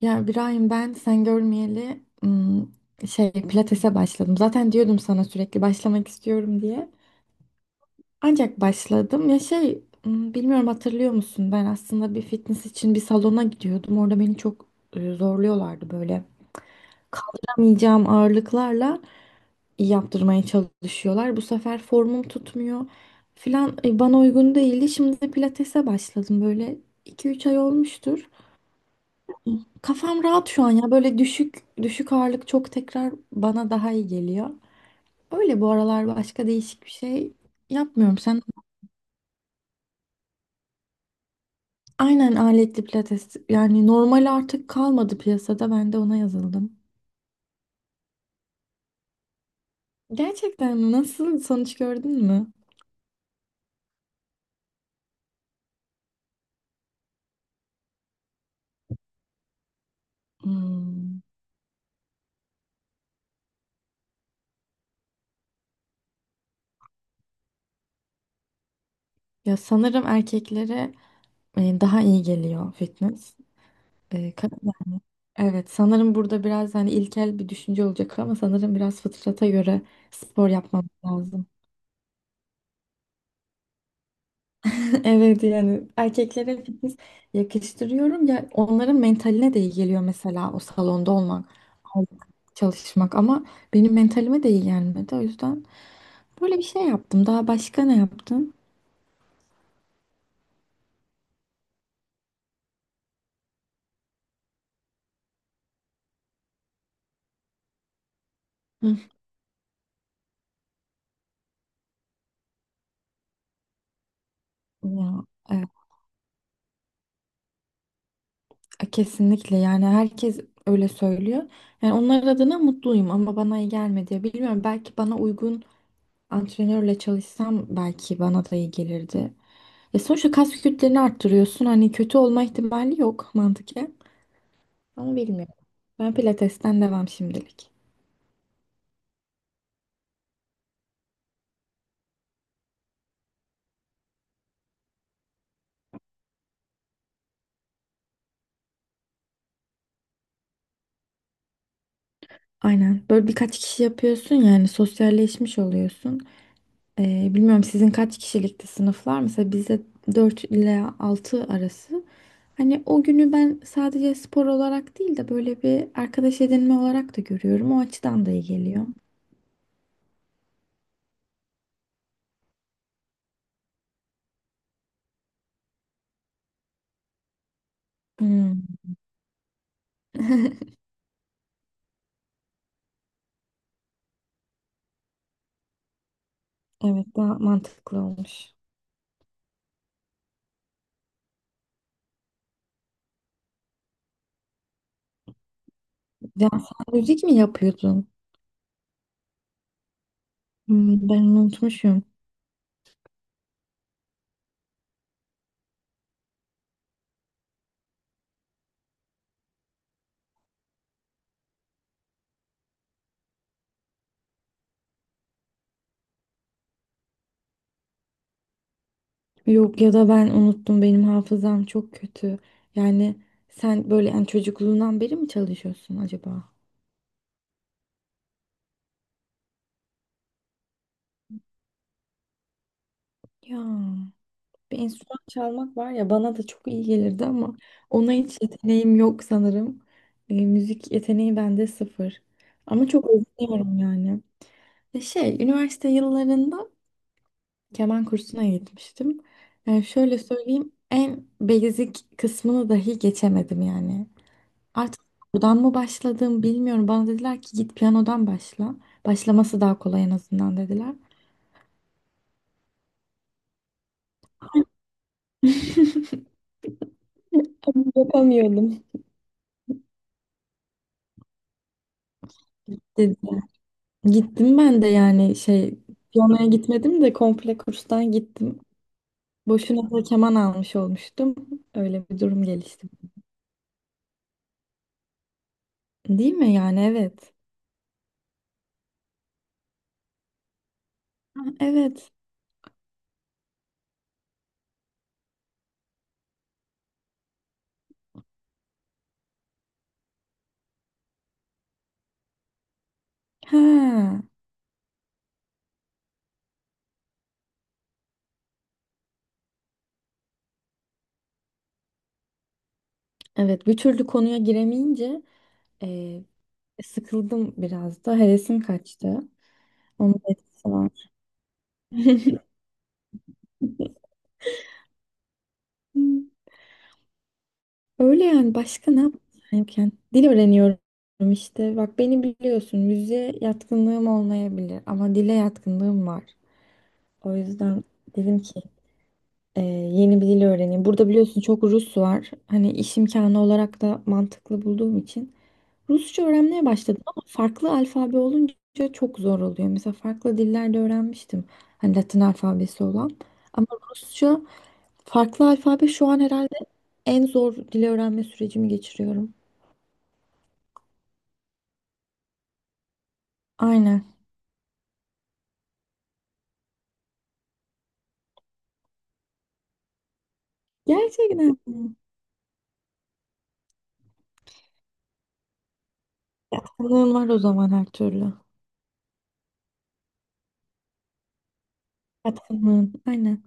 Ya İbrahim, ben sen görmeyeli ım, şey pilatese başladım. Zaten diyordum sana, sürekli başlamak istiyorum diye. Ancak başladım. Ya, bilmiyorum, hatırlıyor musun? Ben aslında bir fitness için bir salona gidiyordum. Orada beni çok zorluyorlardı böyle. Kaldıramayacağım ağırlıklarla yaptırmaya çalışıyorlar. Bu sefer formum tutmuyor filan, bana uygun değildi. Şimdi de pilatese başladım. Böyle 2-3 ay olmuştur. Kafam rahat şu an ya. Böyle düşük düşük ağırlık çok tekrar bana daha iyi geliyor. Öyle, bu aralar başka değişik bir şey yapmıyorum. Sen. Aynen, aletli pilates yani, normal artık kalmadı piyasada. Ben de ona yazıldım. Gerçekten mi? Nasıl, sonuç gördün mü? Hmm. Ya sanırım erkeklere daha iyi geliyor fitness. E, kadınlar- evet, sanırım burada biraz hani ilkel bir düşünce olacak ama sanırım biraz fıtrata göre spor yapmamız lazım. Evet, yani erkeklere fitness yakıştırıyorum ya, onların mentaline de iyi geliyor, mesela o salonda olmak, çalışmak, ama benim mentalime de iyi gelmedi. O yüzden böyle bir şey yaptım. Daha başka ne yaptım? Hı. Ya evet, kesinlikle, yani herkes öyle söylüyor. Yani onlar adına mutluyum ama bana iyi gelmedi. Bilmiyorum, belki bana uygun antrenörle çalışsam belki bana da iyi gelirdi. Ya sonuçta kas kütlelerini arttırıyorsun. Hani kötü olma ihtimali yok mantıken. Ama bilmiyorum. Ben pilatesten devam şimdilik. Aynen. Böyle birkaç kişi yapıyorsun, yani sosyalleşmiş oluyorsun. Bilmiyorum, sizin kaç kişilikti sınıflar? Mesela bizde 4 ile 6 arası. Hani o günü ben sadece spor olarak değil de böyle bir arkadaş edinme olarak da görüyorum. O açıdan da iyi geliyor. Hmm, evet, daha mantıklı olmuş. Ya sen müzik mi yapıyordun? Hmm, ben onu unutmuşum. Yok, ya da ben unuttum, benim hafızam çok kötü. Yani sen böyle, yani çocukluğundan beri mi çalışıyorsun acaba? Ya, bir enstrüman çalmak var ya, bana da çok iyi gelirdi ama ona hiç yeteneğim yok sanırım. Müzik yeteneği bende sıfır. Ama çok özeniyorum yani. Üniversite yıllarında keman kursuna gitmiştim. Yani şöyle söyleyeyim, en basic kısmını dahi geçemedim yani. Artık buradan mı başladım bilmiyorum. Bana dediler ki, git piyanodan başla. Başlaması daha kolay en azından, dediler. Ama yapamıyordum. Dedi. Gittim ben de yani, piyanoya gitmedim de komple kurstan gittim. Boşuna da keman almış olmuştum. Öyle bir durum gelişti. Değil mi yani? Evet. Ha, evet. Ha. Evet, bir türlü konuya giremeyince e, sıkıldım, biraz da hevesim kaçtı. Onun da etkisi var. Öyle yani, başka ne yapayım? Dil öğreniyorum işte. Bak, beni biliyorsun, müziğe yatkınlığım olmayabilir ama dile yatkınlığım var. O yüzden dedim ki, yeni bir dil öğreneyim. Burada biliyorsun, çok Rus var. Hani iş imkanı olarak da mantıklı bulduğum için Rusça öğrenmeye başladım ama farklı alfabe olunca çok zor oluyor. Mesela farklı dillerde öğrenmiştim. Hani Latin alfabesi olan. Ama Rusça farklı alfabe, şu an herhalde en zor dil öğrenme sürecimi geçiriyorum. Aynen. Gerçekten mi? Yatkınlığın var o zaman, her türlü. Yatkınlığın. Aynen.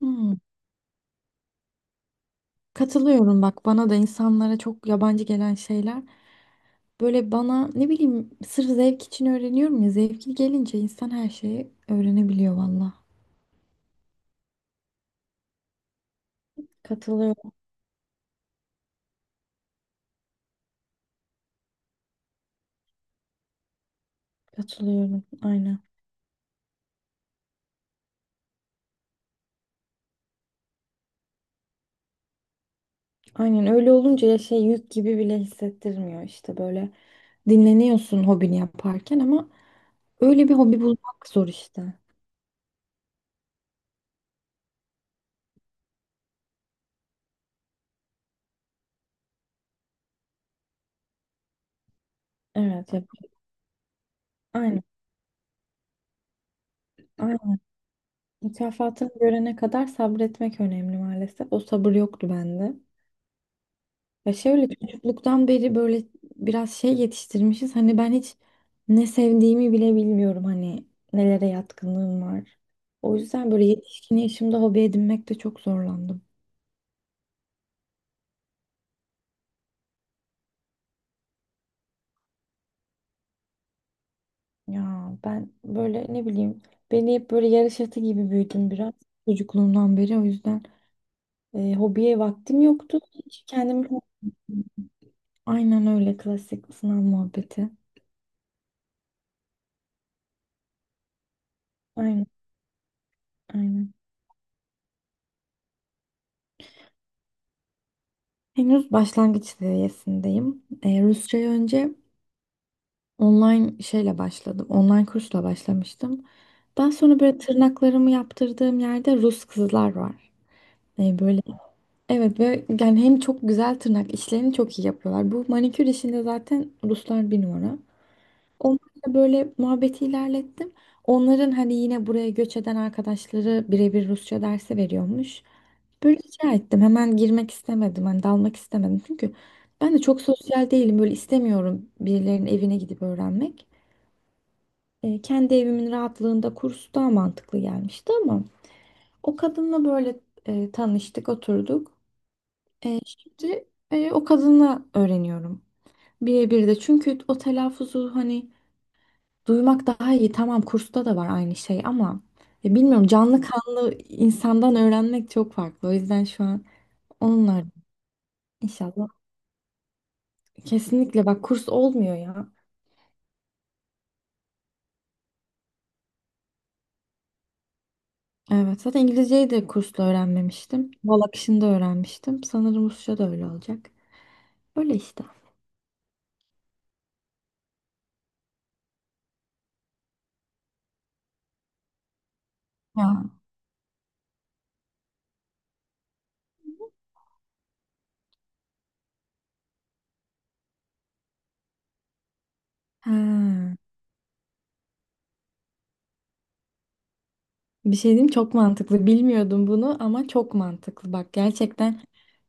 Hmm. Katılıyorum, bak, bana da insanlara çok yabancı gelen şeyler. Böyle bana, ne bileyim, sırf zevk için öğreniyorum ya. Zevkli gelince insan her şeyi öğrenebiliyor valla. Katılıyorum. Katılıyorum. Aynen. Aynen, öyle olunca ya, yük gibi bile hissettirmiyor işte böyle. Dinleniyorsun hobini yaparken ama öyle bir hobi bulmak zor işte. Evet. Aynen. Mükafatını görene kadar sabretmek önemli maalesef. O sabır yoktu bende. Ya şöyle, çocukluktan beri böyle biraz yetiştirmişiz. Hani ben hiç ne sevdiğimi bile bilmiyorum. Hani nelere yatkınlığım var. O yüzden böyle yetişkin yaşımda hobi edinmekte çok zorlandım. Ya ben böyle, ne bileyim, beni hep böyle yarış atı gibi büyüdüm biraz, çocukluğumdan beri. O yüzden hobiye vaktim yoktu. Hiç kendimi Aynen, öyle klasik sınav muhabbeti. Aynen. Aynen. Henüz başlangıç seviyesindeyim. Rusçayı önce online şeyle başladım. Online kursla başlamıştım. Daha sonra böyle, tırnaklarımı yaptırdığım yerde Rus kızlar var. Böyle evet, ve yani hem çok güzel, tırnak işlerini çok iyi yapıyorlar. Bu manikür işinde zaten Ruslar bir numara. Onlarla böyle muhabbeti ilerlettim. Onların hani yine buraya göç eden arkadaşları birebir Rusça dersi veriyormuş. Böyle rica ettim. Hemen girmek istemedim. Hani dalmak istemedim. Çünkü ben de çok sosyal değilim. Böyle istemiyorum birilerinin evine gidip öğrenmek. Kendi evimin rahatlığında kurs daha mantıklı gelmişti ama o kadınla böyle tanıştık, oturduk. Şimdi o kadınla öğreniyorum. Birebir de. Çünkü o telaffuzu, hani duymak daha iyi. Tamam, kursta da var aynı şey ama ya bilmiyorum, canlı kanlı insandan öğrenmek çok farklı. O yüzden şu an onlar inşallah. Kesinlikle, bak, kurs olmuyor ya. Evet, zaten İngilizceyi de kursla öğrenmemiştim. Bal akışında öğrenmiştim. Sanırım Rusça da öyle olacak. Öyle işte. Ya. Ha. Bir şey diyeyim, çok mantıklı. Bilmiyordum bunu ama çok mantıklı. Bak gerçekten,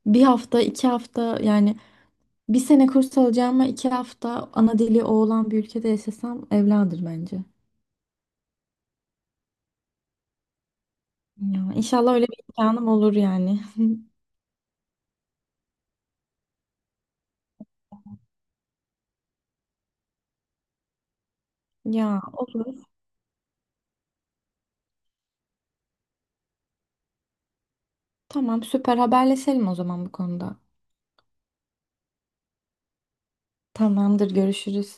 bir hafta 2 hafta yani, bir sene kurs alacağıma 2 hafta ana dili o olan bir ülkede yaşasam evladır bence. Ya, inşallah öyle bir imkanım olur yani. Ya, olur. Tamam, süper, haberleşelim o zaman bu konuda. Tamamdır, görüşürüz.